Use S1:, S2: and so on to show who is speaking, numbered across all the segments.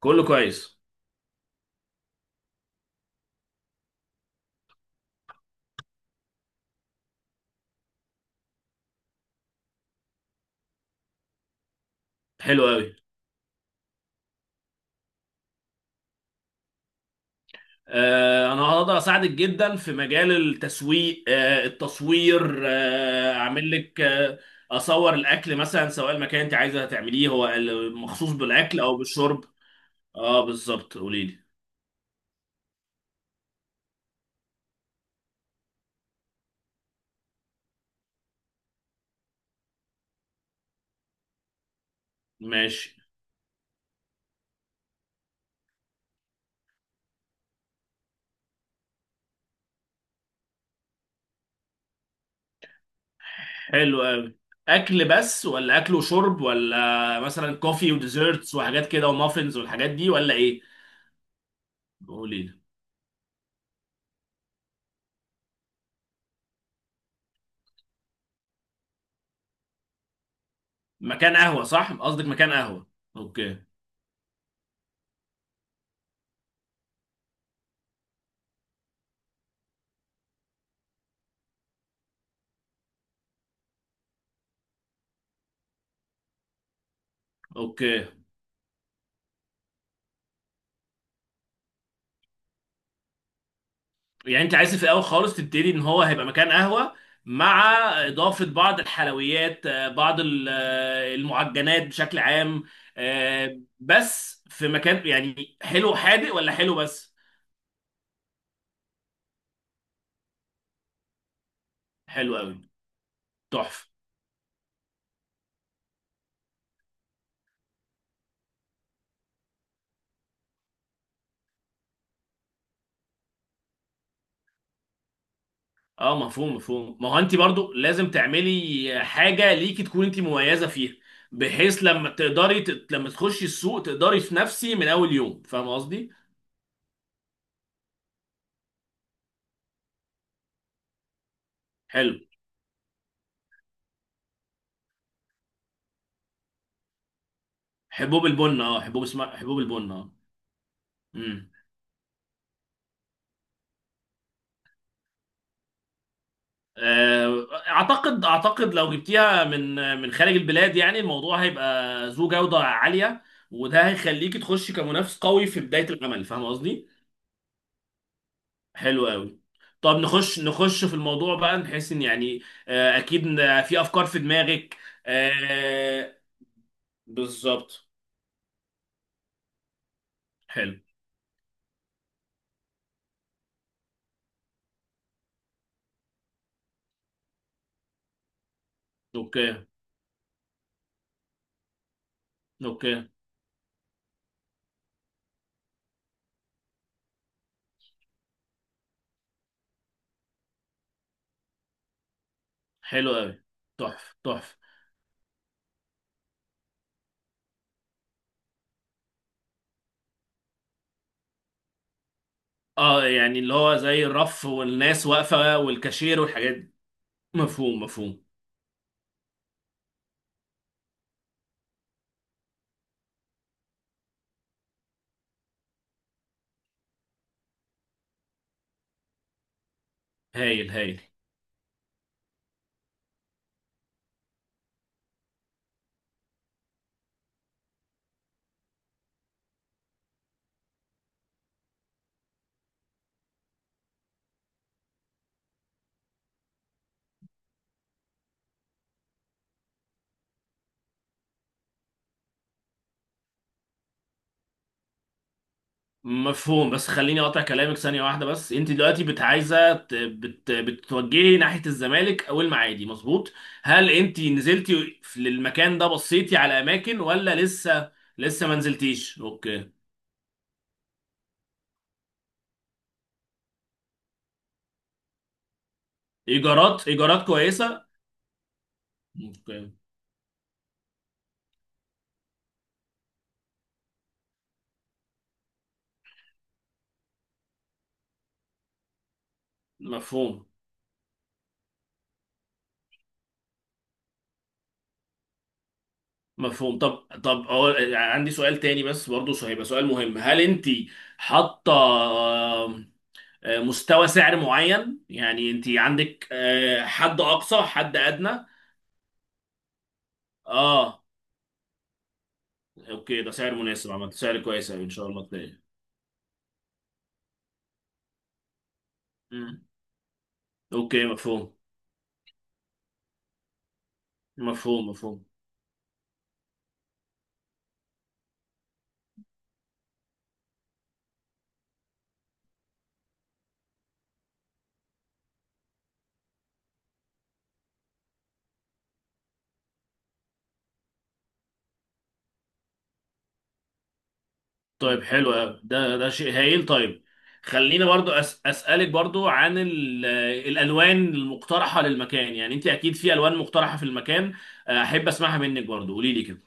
S1: كله كويس. حلو قوي. انا هقدر اساعدك جدا في مجال التسويق، التصوير، آه اعمل لك آه اصور الاكل مثلا، سواء المكان انت عايزه تعمليه هو مخصوص بالاكل او بالشرب. اه بالظبط، قولي لي. ماشي. حلو قوي. اكل بس ولا اكل وشرب، ولا مثلا كوفي وديزرتس وحاجات كده ومافنز والحاجات دي، ولا ايه؟ قولي لي. مكان قهوه، صح؟ قصدك مكان قهوه. اوكي. اوكي، يعني انت عايز في الاول خالص تبتدي ان هو هيبقى مكان قهوه، مع اضافه بعض الحلويات، بعض المعجنات بشكل عام. بس في مكان، يعني حلو حادق ولا حلو بس؟ حلو قوي. تحفه. اه مفهوم مفهوم، ما هو انت برضو لازم تعملي حاجه ليكي تكون انت مميزه فيها، بحيث لما لما تخشي السوق تقدري تنافسي من اول يوم، فاهم قصدي؟ حلو. حبوب البن، اه حبوب، اسمها حبوب البن اه. اعتقد لو جبتيها من من خارج البلاد، يعني الموضوع هيبقى ذو جودة عالية، وده هيخليكي تخشي كمنافس قوي في بداية العمل، فاهم قصدي؟ حلو قوي. طب نخش في الموضوع بقى، نحس ان يعني، اكيد إن في افكار في دماغك. آه، بالظبط. حلو. اوكي. اوكي. حلو قوي. تحفة تحفة. اه يعني اللي هو زي الرف والناس واقفة والكاشير والحاجات دي. مفهوم مفهوم. هايل هايل. مفهوم، بس خليني اقطع كلامك ثانية واحدة بس. انت دلوقتي بت عايزة ت- بت بتتوجهي ناحية الزمالك او المعادي، مظبوط؟ هل انت نزلتي للمكان ده، بصيتي على اماكن ولا لسه؟ لسه ما نزلتيش، اوكي. ايجارات، ايجارات كويسة. اوكي. مفهوم مفهوم. طب طب أقول، عندي سؤال تاني بس برضه، هيبقى سؤال مهم. هل انت حاطة، آم، آه، مستوى سعر معين؟ يعني انت عندك حد اقصى، حد ادنى؟ اه. اوكي، ده سعر مناسب، عملت سعر كويس أوي، ان شاء الله تلاقي. مم. اوكي مفهوم. مفهوم مفهوم. طيب حلو أوي. ده ده شيء هايل. طيب خلينا برضو اسالك برضو عن الالوان المقترحه للمكان، يعني انت اكيد في الوان مقترحه في المكان. احب اسمعها منك برضو، قولي لي كده.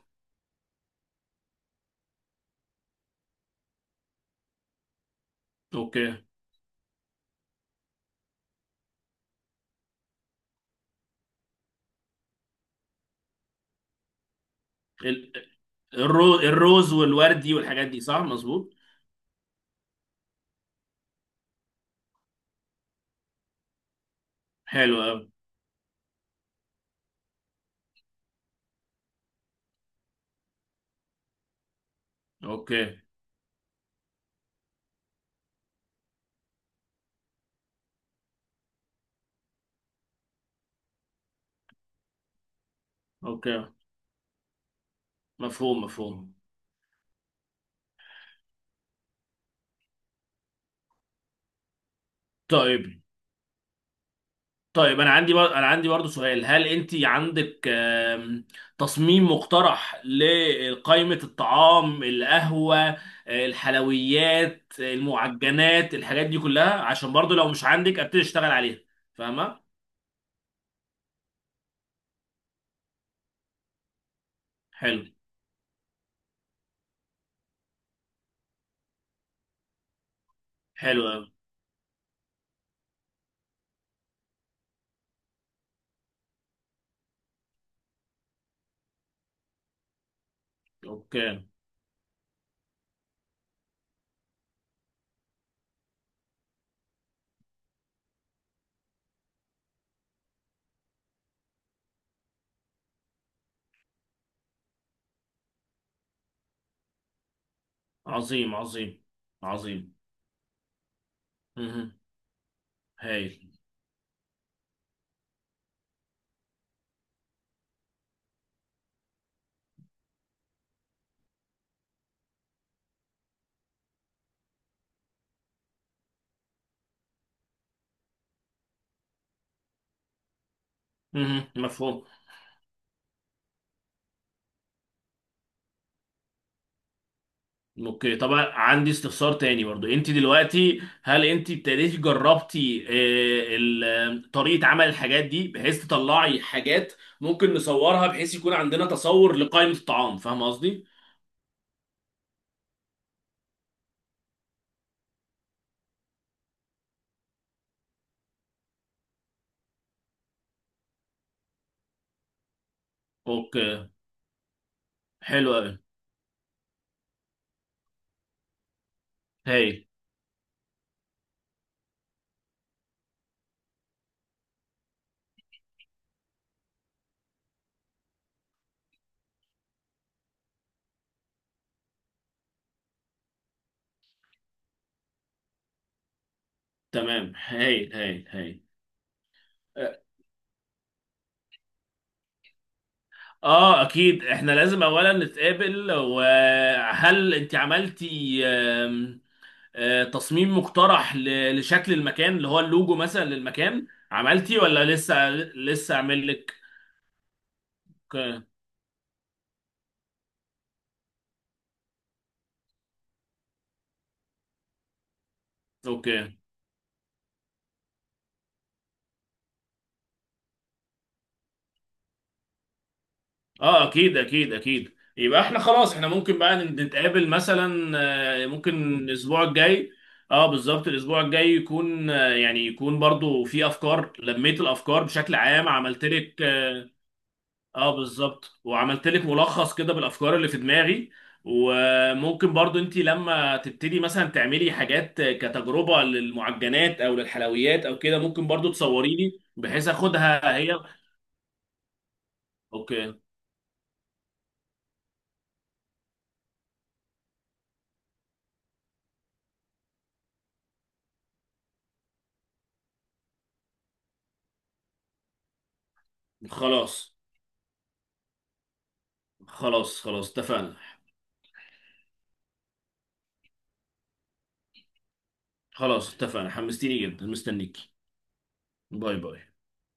S1: اوكي. ال- الروز والوردي والحاجات دي، صح؟ مظبوط. حلو أوي. اوكي. اوكي. مفهوم مفهوم. طيب طيب انا انا عندي برضه سؤال. هل انت عندك تصميم مقترح لقائمة الطعام، القهوة، الحلويات، المعجنات، الحاجات دي كلها؟ عشان برضه لو مش عندك، ابتدي اشتغل عليها. فاهمة. حلو. حلو أوي. اوكي. عظيم عظيم. عظيم. مهم. هايل. مهم. مفهوم. اوكي. طبعا عندي استفسار تاني برضو. انت دلوقتي هل انت ابتديتي جربتي طريقة عمل الحاجات دي، بحيث تطلعي حاجات ممكن نصورها بحيث يكون عندنا تصور لقائمة الطعام، فاهم قصدي؟ اوكي. حلو قوي. هايل. تمام هايل هايل هايل. اه، اكيد احنا لازم اولا نتقابل. وهل انت عملتي تصميم مقترح لشكل المكان، اللي هو اللوجو مثلا للمكان، عملتي ولا لسه؟ لسه اعمل لك. اوكي. أوكي. اه اكيد اكيد اكيد. يبقى احنا خلاص، احنا ممكن بقى نتقابل مثلا، ممكن الاسبوع الجاي. اه بالظبط، الاسبوع الجاي يكون يعني يكون برضو في افكار، لميت الافكار بشكل عام، عملت لك. اه بالظبط، وعملت لك ملخص كده بالافكار اللي في دماغي. وممكن برضو انت لما تبتدي مثلا تعملي حاجات كتجربة للمعجنات او للحلويات او كده، ممكن برضو تصوري لي بحيث اخدها هي. اوكي. خلاص. خلاص اتفقنا. خلاص اتفقنا، حمستيني جدا، مستنيكي. باي باي.